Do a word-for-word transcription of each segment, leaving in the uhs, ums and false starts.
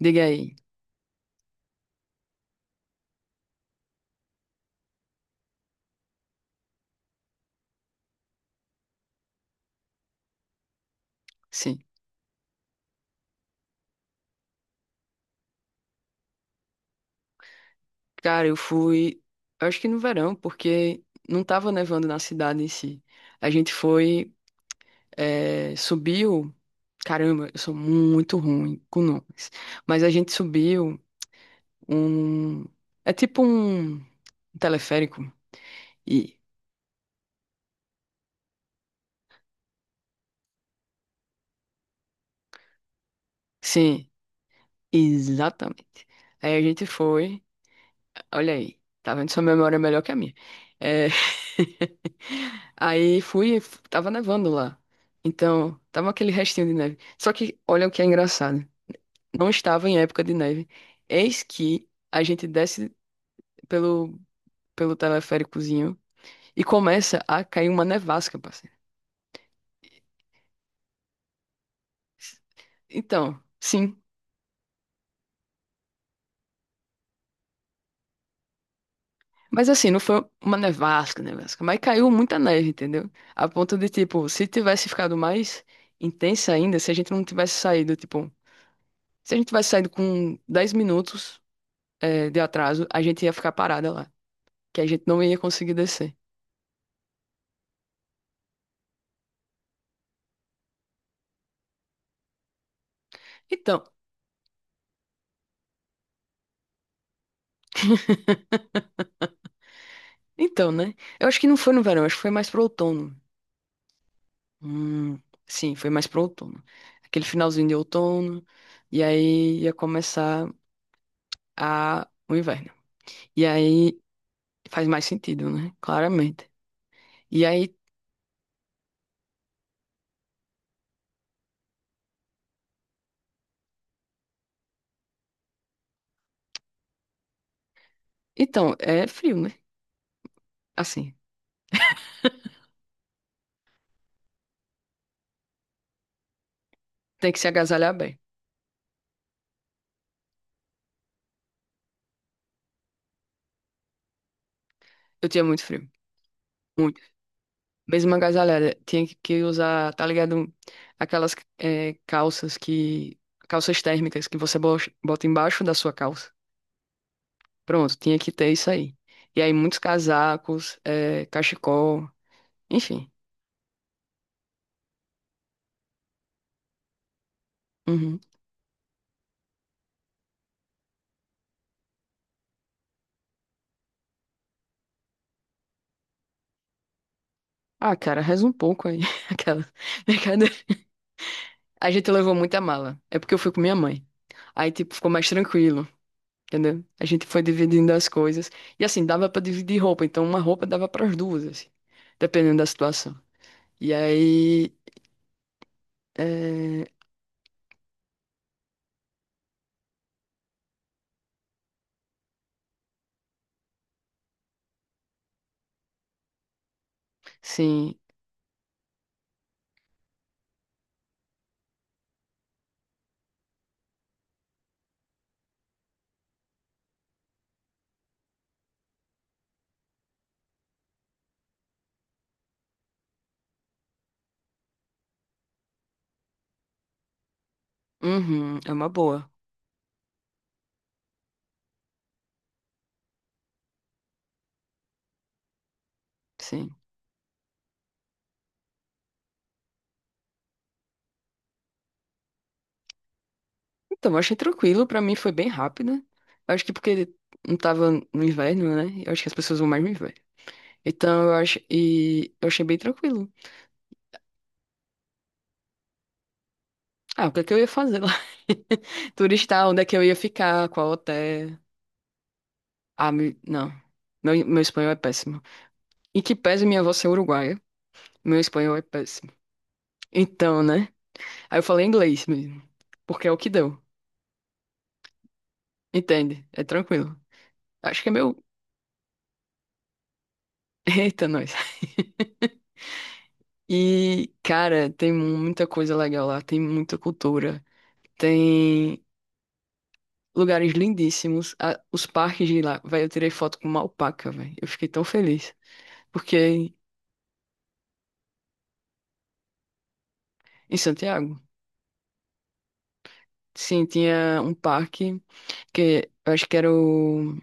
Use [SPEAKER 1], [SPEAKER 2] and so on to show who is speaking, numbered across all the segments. [SPEAKER 1] Diga aí. Sim. Cara, eu fui, eu acho que no verão, porque não tava nevando na cidade em si. A gente foi, eh, subiu. Caramba, eu sou muito ruim com nomes. Mas a gente subiu um. É tipo um teleférico. E. Sim, exatamente. Aí a gente foi. Olha aí, tá vendo? Sua memória é melhor que a minha. É... Aí fui, tava nevando lá. Então, tava aquele restinho de neve. Só que, olha o que é engraçado. Não estava em época de neve. Eis que a gente desce pelo, pelo teleféricozinho e começa a cair uma nevasca, parceiro. Então, sim. Mas assim, não foi uma nevasca, nevasca. Mas caiu muita neve, entendeu? A ponto de, tipo, se tivesse ficado mais intensa ainda, se a gente não tivesse saído, tipo. Se a gente tivesse saído com dez minutos, é, de atraso, a gente ia ficar parada lá, que a gente não ia conseguir descer. Então, então, né? Eu acho que não foi no verão, acho que foi mais pro outono. Hum, sim, foi mais pro outono. Aquele finalzinho de outono, e aí ia começar a, o inverno. E aí faz mais sentido, né? Claramente. E aí, então, é frio, né? Assim, tem que se agasalhar bem. Eu tinha muito frio. Mesmo agasalhada, tinha que que usar, tá ligado? Aquelas é, calças que. Calças térmicas que você bo- bota embaixo da sua calça. Pronto, tinha que ter isso aí. E aí, muitos casacos, é, cachecol, enfim. Uhum. Ah, cara, reza um pouco aí. Aquela. Brincadeira. A gente levou muita mala. É porque eu fui com minha mãe. Aí, tipo, ficou mais tranquilo, entendeu? A gente foi dividindo as coisas. E assim, dava pra dividir roupa. Então, uma roupa dava pras duas, assim, dependendo da situação. E aí. É, sim. Uhum, é uma boa. Sim. Então, eu achei tranquilo. Pra mim foi bem rápida acho que porque não tava no inverno, né? Eu acho que as pessoas vão mais no inverno. Então, eu acho. E eu achei bem tranquilo. Ah, o que é que eu ia fazer lá? Turistar, onde é que eu ia ficar? Qual hotel? Ah, me- não. Meu, meu espanhol é péssimo. Em que pese minha avó ser uruguaia, meu espanhol é péssimo. Então, né? Aí eu falei inglês mesmo. Porque é o que deu. Entende? É tranquilo. Acho que é meu. Eita, nós. E, cara, tem muita coisa legal lá, tem muita cultura, tem lugares lindíssimos. A- os parques de lá, velho, eu tirei foto com uma alpaca, velho. Eu fiquei tão feliz. Porque em Santiago, sim, tinha um parque que eu acho que era o,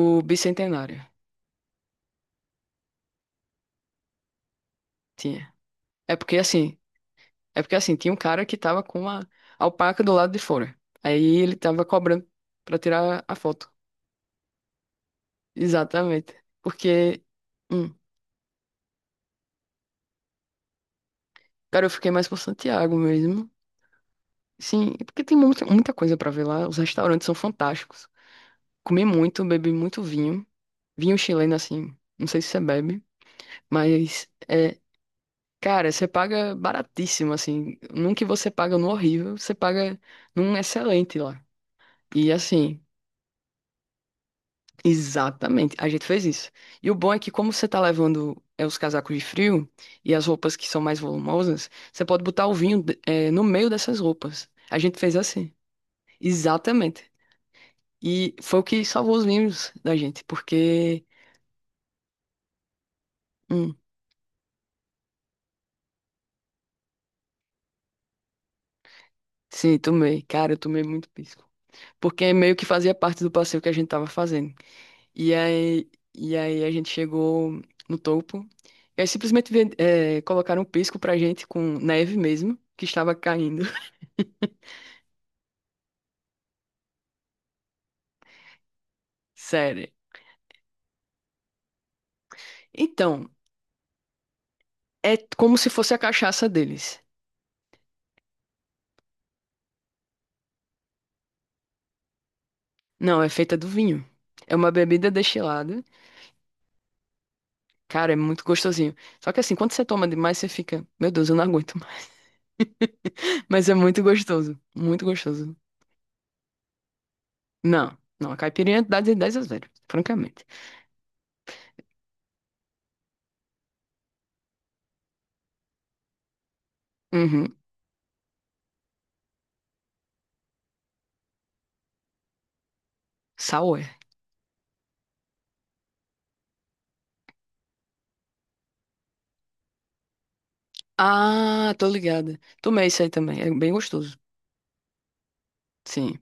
[SPEAKER 1] o Bicentenário. Tinha. É porque assim, é porque assim, tinha um cara que tava com uma alpaca do lado de fora. Aí ele tava cobrando pra tirar a foto. Exatamente. Porque. hum, Cara, eu fiquei mais por Santiago mesmo. Sim, é porque tem muita, muita coisa pra ver lá. Os restaurantes são fantásticos. Comi muito, bebi muito vinho. Vinho chileno, assim. Não sei se você bebe, mas é. Cara, você paga baratíssimo, assim. Num que você paga no horrível, você paga num excelente lá. E assim, exatamente, a gente fez isso. E o bom é que, como você tá levando é, os casacos de frio e as roupas que são mais volumosas, você pode botar o vinho é, no meio dessas roupas. A gente fez assim. Exatamente. E foi o que salvou os memes da gente, porque. Hum, sim, tomei. Cara, eu tomei muito pisco. Porque é meio que fazia parte do passeio que a gente tava fazendo. E aí, e aí a gente chegou no topo. E aí simplesmente ven- eh, colocaram um pisco pra gente com neve mesmo, que estava caindo. Sério. Então, é como se fosse a cachaça deles. Não, é feita do vinho. É uma bebida destilada. Cara, é muito gostosinho. Só que assim, quando você toma demais, você fica, meu Deus, eu não aguento. Mas é muito gostoso. Muito gostoso. Não, não. A caipirinha dá de dez a zero, francamente. Uhum. Sour. Ah, tô ligada. Tomei isso aí também. É bem gostoso. Sim.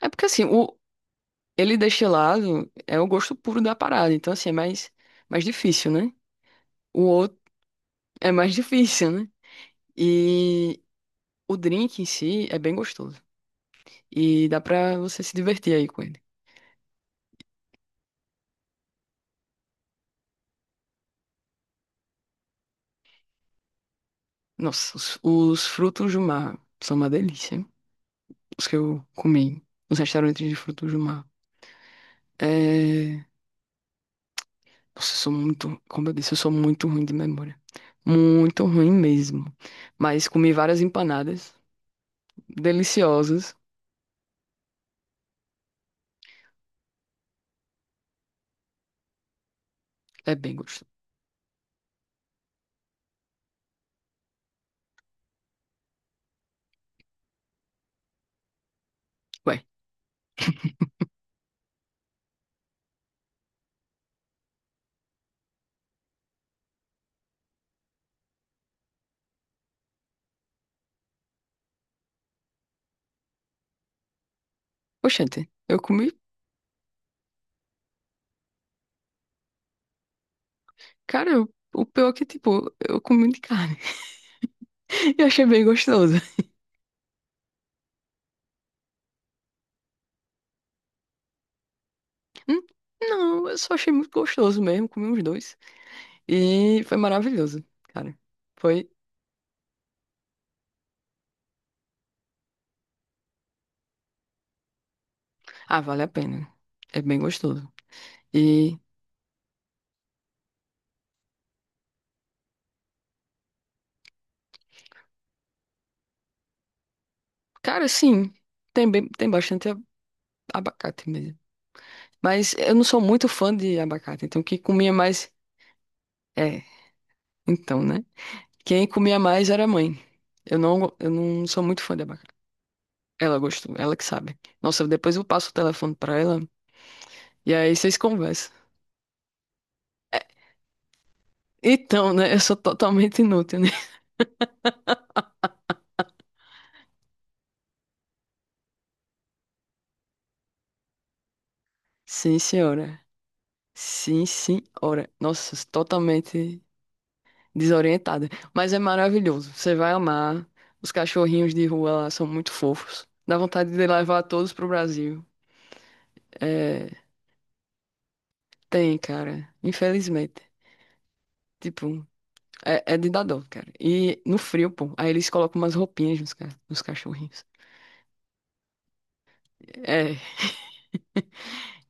[SPEAKER 1] É porque assim, o ele destilado é o gosto puro da parada. Então, assim, é mais, mais difícil, né? O outro é mais difícil, né? E o drink em si é bem gostoso. E dá pra você se divertir aí com ele. Nossa, os, os frutos do mar são uma delícia. Os que eu comi nos restaurantes de frutos do mar. É... Nossa, eu sou muito, como eu disse, eu sou muito ruim de memória. Muito ruim mesmo. Mas comi várias empanadas deliciosas. É bem gostoso. Ué, oxente, eu comi. Cara, eu- o pior é que, tipo, eu comi de carne e achei bem gostoso. Hum, Não, eu só achei muito gostoso mesmo. Comi uns dois. E foi maravilhoso, cara. Foi. Ah, vale a pena. É bem gostoso. E. Cara, sim, tem, bem, tem bastante a- abacate mesmo. Mas eu não sou muito fã de abacate, então quem comia mais. É, então, né? Quem comia mais era a mãe. Eu não, go- eu não sou muito fã de abacate. Ela gostou, ela que sabe. Nossa, depois eu passo o telefone pra ela e aí vocês conversam. É, então, né? Eu sou totalmente inútil, né? Sim, senhora. Sim, senhora. Nossa, totalmente. Desorientada. Mas é maravilhoso. Você vai amar. Os cachorrinhos de rua lá são muito fofos. Dá vontade de levar todos pro Brasil. É, tem, cara. Infelizmente. Tipo, é, é de dar dó, cara. E no frio, pô. Aí eles colocam umas roupinhas nos, ca- nos cachorrinhos. É.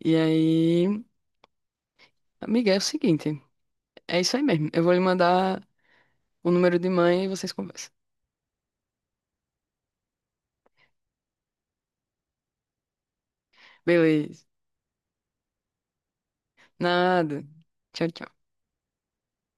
[SPEAKER 1] E aí, amiga, é o seguinte. É isso aí mesmo. Eu vou lhe mandar o número de mãe e vocês conversam. Beleza. Nada. Tchau, tchau.